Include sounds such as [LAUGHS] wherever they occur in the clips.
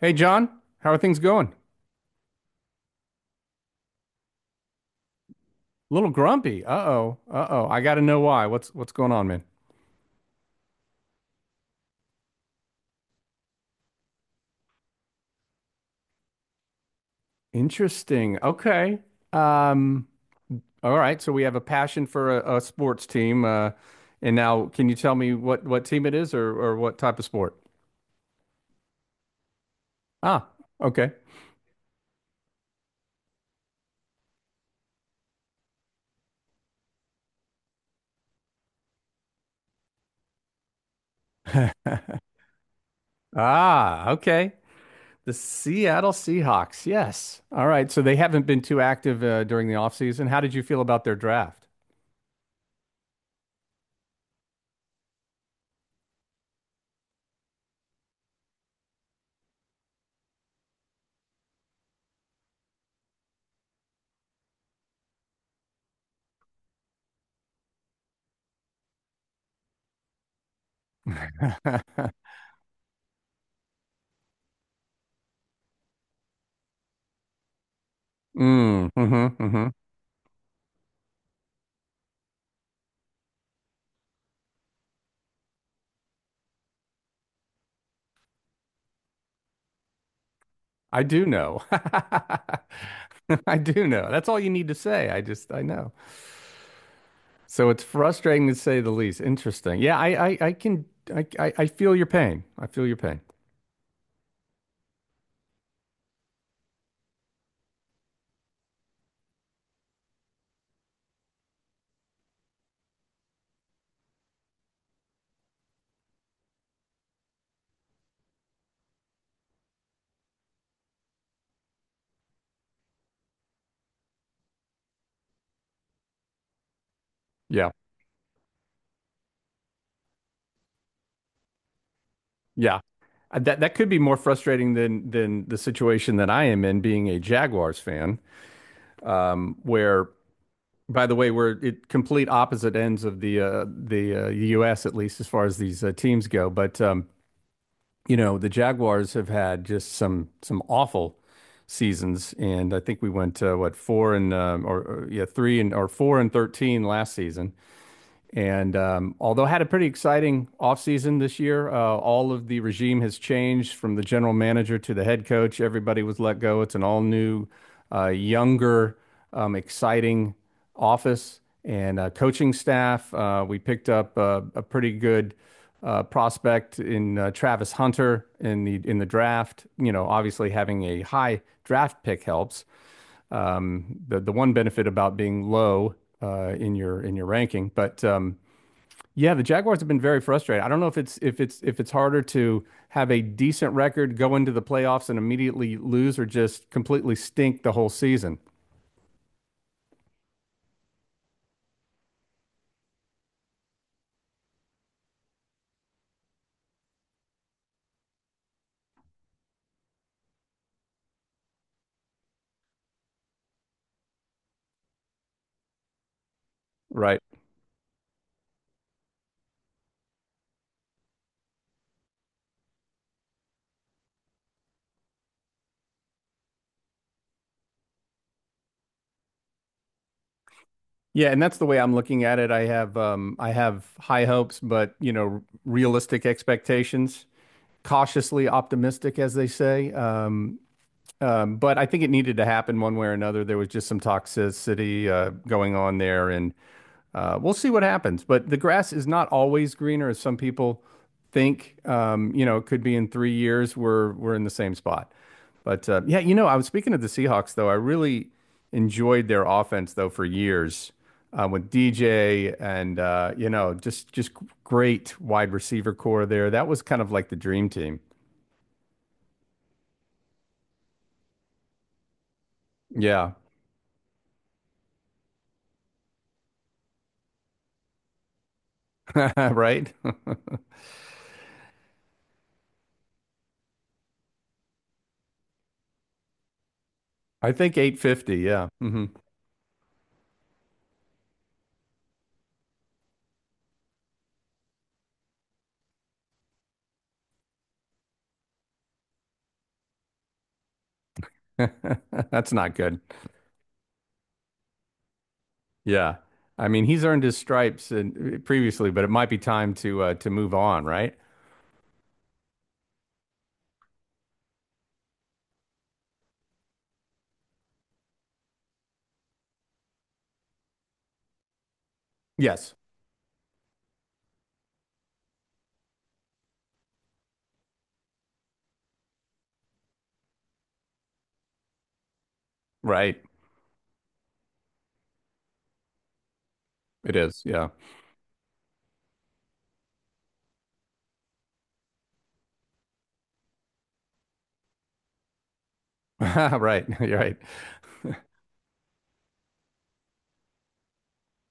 Hey John, how are things going? A little grumpy. Uh-oh. Uh-oh. I got to know why. What's going on, man? Interesting. Okay. Um, all right. So we have a passion for a sports team. And now can you tell me what team it is or what type of sport? Ah, okay. Ah, okay. The Seattle Seahawks. Yes. All right. So they haven't been too active during the offseason. How did you feel about their draft? [LAUGHS] Mm, mm-hmm, mm-hmm. I do know. [LAUGHS] I do know. That's all you need to say. I just, I know. So it's frustrating to say the least. Interesting. Yeah, I can I feel your pain. I feel your pain. Yeah. Yeah. That could be more frustrating than the situation that I am in, being a Jaguars fan. Where, by the way, we're at complete opposite ends of the U.S., at least as far as these teams go. But the Jaguars have had just some awful seasons, and I think we went what, four and or yeah, three and or 4-13 last season, and although had a pretty exciting offseason this year. All of the regime has changed from the general manager to the head coach. Everybody was let go. It's an all new, younger, exciting office and coaching staff. We picked up a pretty good prospect in Travis Hunter in the draft. You know, obviously having a high draft pick helps. The one benefit about being low in your ranking. But yeah, the Jaguars have been very frustrated. I don't know if it's harder to have a decent record, go into the playoffs and immediately lose, or just completely stink the whole season. Right. Yeah, and that's the way I'm looking at it. I have high hopes, but you know, realistic expectations, cautiously optimistic, as they say. But I think it needed to happen one way or another. There was just some toxicity going on there, and we'll see what happens. But the grass is not always greener, as some people think. It could be in 3 years we're in the same spot. But yeah, I was speaking of the Seahawks, though. I really enjoyed their offense though, for years with DJ, and just great wide receiver core there. That was kind of like the dream team. Yeah, [LAUGHS] right. [LAUGHS] I think 850. Yeah. Hmm. [LAUGHS] That's not good. Yeah. I mean, he's earned his stripes and previously, but it might be time to move on, right? Yes. Right. It is. Yeah. [LAUGHS] Right. [LAUGHS] You're right.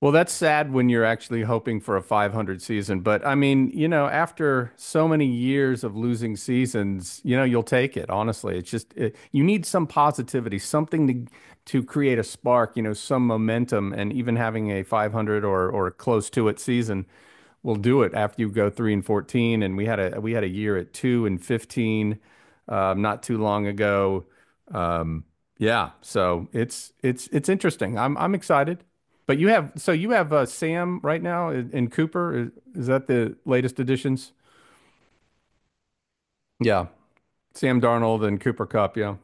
Well, that's sad when you're actually hoping for a .500 season, but I mean, after so many years of losing seasons, you'll take it. Honestly, it's just it, you need some positivity, something to create a spark, some momentum, and even having a .500 or close to it season will do it after you go 3-14. And we had a year at 2-15, not too long ago. Um, yeah, so it's interesting. I'm excited. But you have, so you have, Sam right now, in Cooper. Is that the latest additions? Yeah, Sam Darnold and Cooper Cup. Yeah.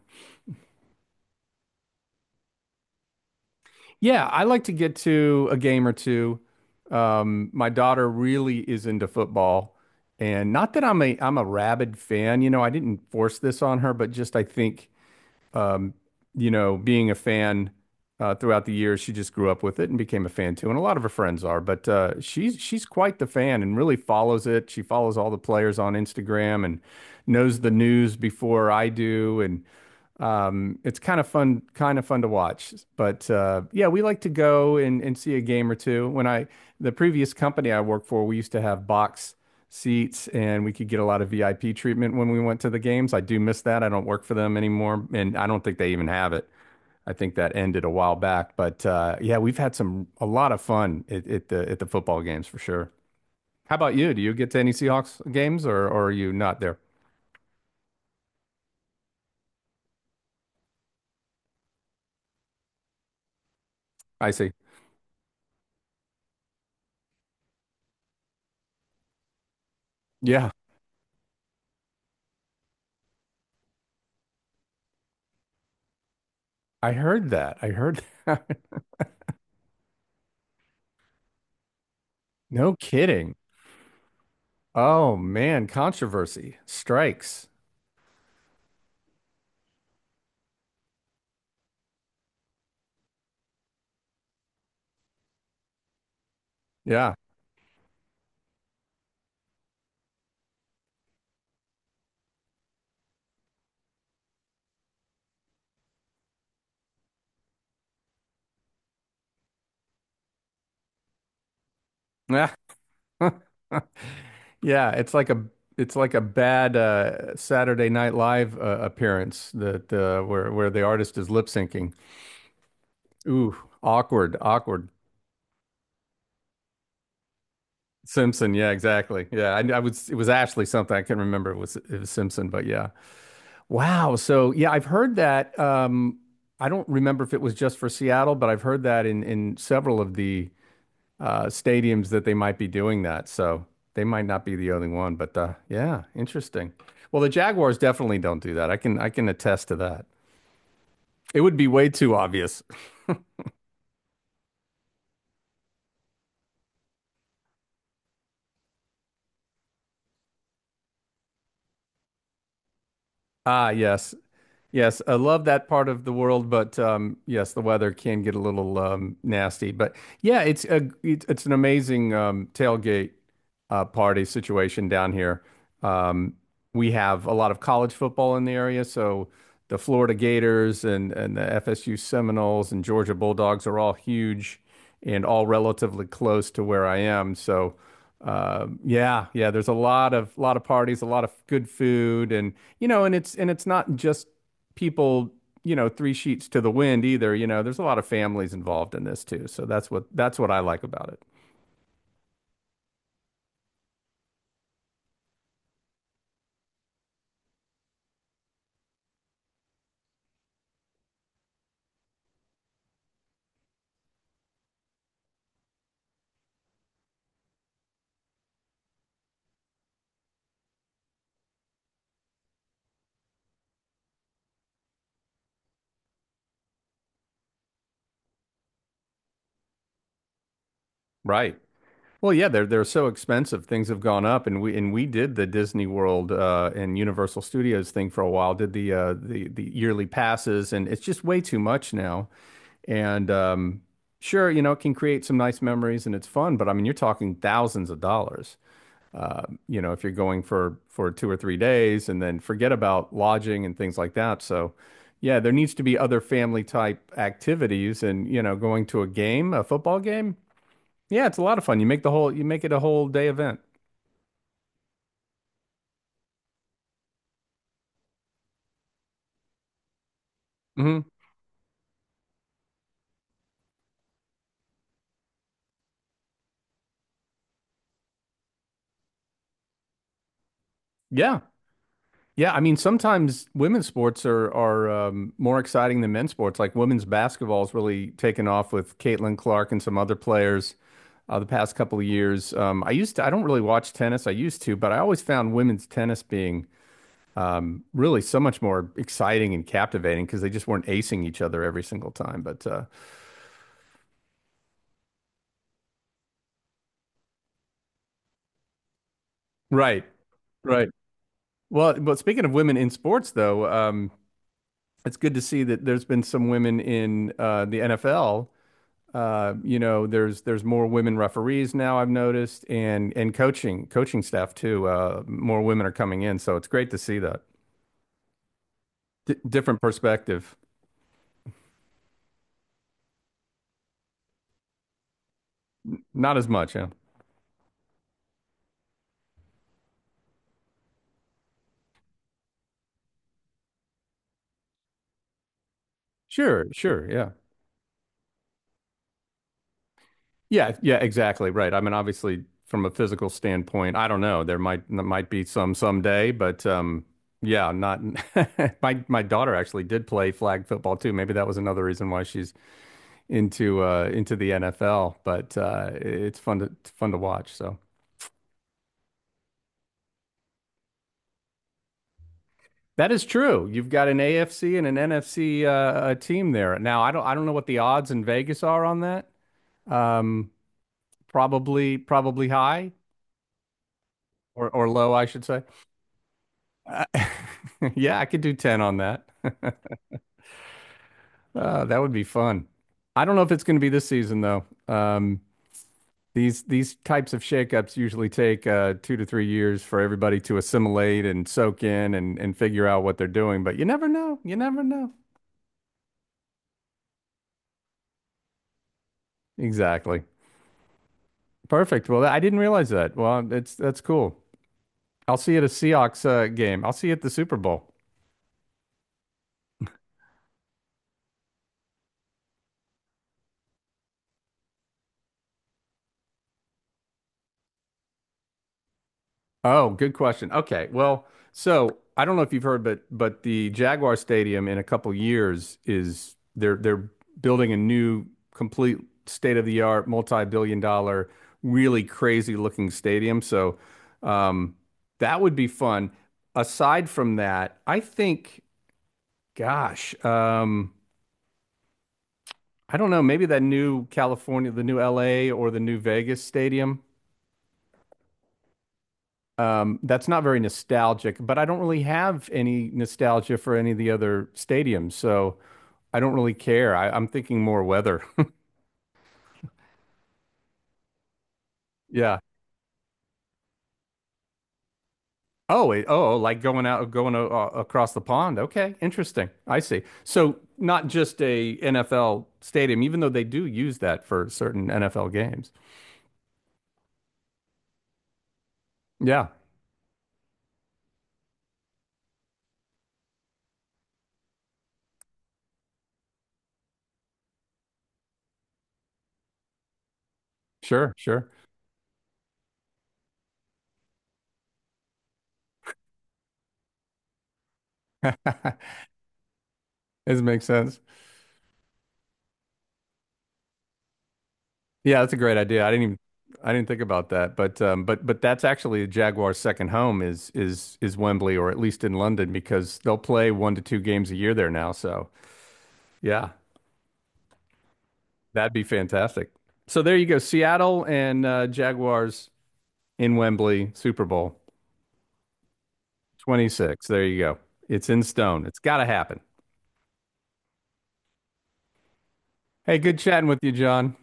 Yeah, I like to get to a game or two. My daughter really is into football, and not that I'm a rabid fan. You know, I didn't force this on her, but just I think, being a fan throughout the years, she just grew up with it and became a fan too. And a lot of her friends are, but she's quite the fan and really follows it. She follows all the players on Instagram and knows the news before I do, and it's kind of fun to watch. But yeah, we like to go and see a game or two. The previous company I worked for, we used to have box seats and we could get a lot of VIP treatment when we went to the games. I do miss that. I don't work for them anymore, and I don't think they even have it. I think that ended a while back. But yeah, we've had some a lot of fun at the football games, for sure. How about you? Do you get to any Seahawks games, or are you not there? I see. Yeah, I heard that. I heard [LAUGHS] that. No kidding. Oh man, controversy strikes. Yeah. Yeah. [LAUGHS] Yeah, it's like a bad Saturday Night Live appearance that where the artist is lip syncing. Ooh, awkward, awkward. Simpson, yeah, exactly. Yeah, I was it was Ashley something. I can not remember, it was Simpson, but yeah. Wow. So yeah, I've heard that. I don't remember if it was just for Seattle, but I've heard that in several of the stadiums that they might be doing that. So they might not be the only one, but yeah, interesting. Well, the Jaguars definitely don't do that. I can attest to that. It would be way too obvious. Ah, yes. Yes, I love that part of the world, but yes, the weather can get a little nasty. But yeah, it's an amazing tailgate party situation down here. Um, we have a lot of college football in the area, so the Florida Gators and the FSU Seminoles and Georgia Bulldogs are all huge and all relatively close to where I am. So yeah, yeah, there's a lot of parties, a lot of good food, and it's not just people, three sheets to the wind, either. You know, there's a lot of families involved in this too. So that's what I like about it. Right. Well, yeah, they're so expensive. Things have gone up, and we did the Disney World and Universal Studios thing for a while. Did the yearly passes, and it's just way too much now. And sure, it can create some nice memories and it's fun, but I mean, you're talking thousands of dollars. If you're going for 2 or 3 days and then forget about lodging and things like that. So, yeah, there needs to be other family type activities and, going to a game, a football game. Yeah, it's a lot of fun. You make it a whole day event. Hmm. Yeah. Yeah, I mean, sometimes women's sports are more exciting than men's sports. Like women's basketball's really taken off with Caitlin Clark and some other players the past couple of years. I don't really watch tennis. I used to, but I always found women's tennis being really so much more exciting and captivating, because they just weren't acing each other every single time. But right, right. Well, but speaking of women in sports, though, it's good to see that there's been some women in the NFL. There's more women referees now, I've noticed, and coaching staff too. More women are coming in, so it's great to see that different perspective. Not as much, yeah. Sure, sure, yeah. Yeah, yeah, exactly. Right. I mean, obviously, from a physical standpoint, I don't know. There might be some someday, but yeah, not. [LAUGHS] My daughter actually did play flag football too. Maybe that was another reason why she's into the NFL. But it's fun to watch. So that is true. You've got an AFC and an NFC, a team there. Now, I don't know what the odds in Vegas are on that. Um, probably high, or low, I should say. Uh, [LAUGHS] yeah, I could do 10 on that. [LAUGHS] That would be fun. I don't know if it's going to be this season though. These types of shakeups usually take 2 to 3 years for everybody to assimilate and soak in and figure out what they're doing. But you never know. You never know. Exactly. Perfect. Well, I didn't realize that. Well, it's that's cool. I'll see you at a Seahawks game. I'll see you at the Super Bowl. Oh, good question. Okay. Well, so I don't know if you've heard, but the Jaguar Stadium, in a couple years, is they're building a new, complete, state-of-the-art, multi-billion dollar, really crazy looking stadium. So um that would be fun. Aside from that, I think, gosh, I don't know, maybe that new California, the new LA, or the new Vegas stadium. That's not very nostalgic, but I don't really have any nostalgia for any of the other stadiums, so I don't really care. I'm thinking more weather. [LAUGHS] Yeah. Oh, like going going across the pond. Okay, interesting. I see. So not just a NFL stadium, even though they do use that for certain NFL games. Yeah, sure, sure. [LAUGHS] This makes sense. Yeah, that's a great idea. I didn't think about that, but but that's actually Jaguar's second home, is Wembley, or at least in London, because they'll play one to two games a year there now. So yeah, that'd be fantastic. So there you go, Seattle and Jaguars in Wembley, Super Bowl 26. There you go. It's in stone. It's got to happen. Hey, good chatting with you, John.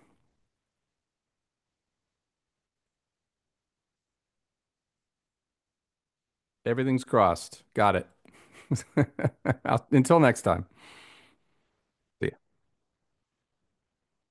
Everything's crossed. Got it. [LAUGHS] Until next time. See ya.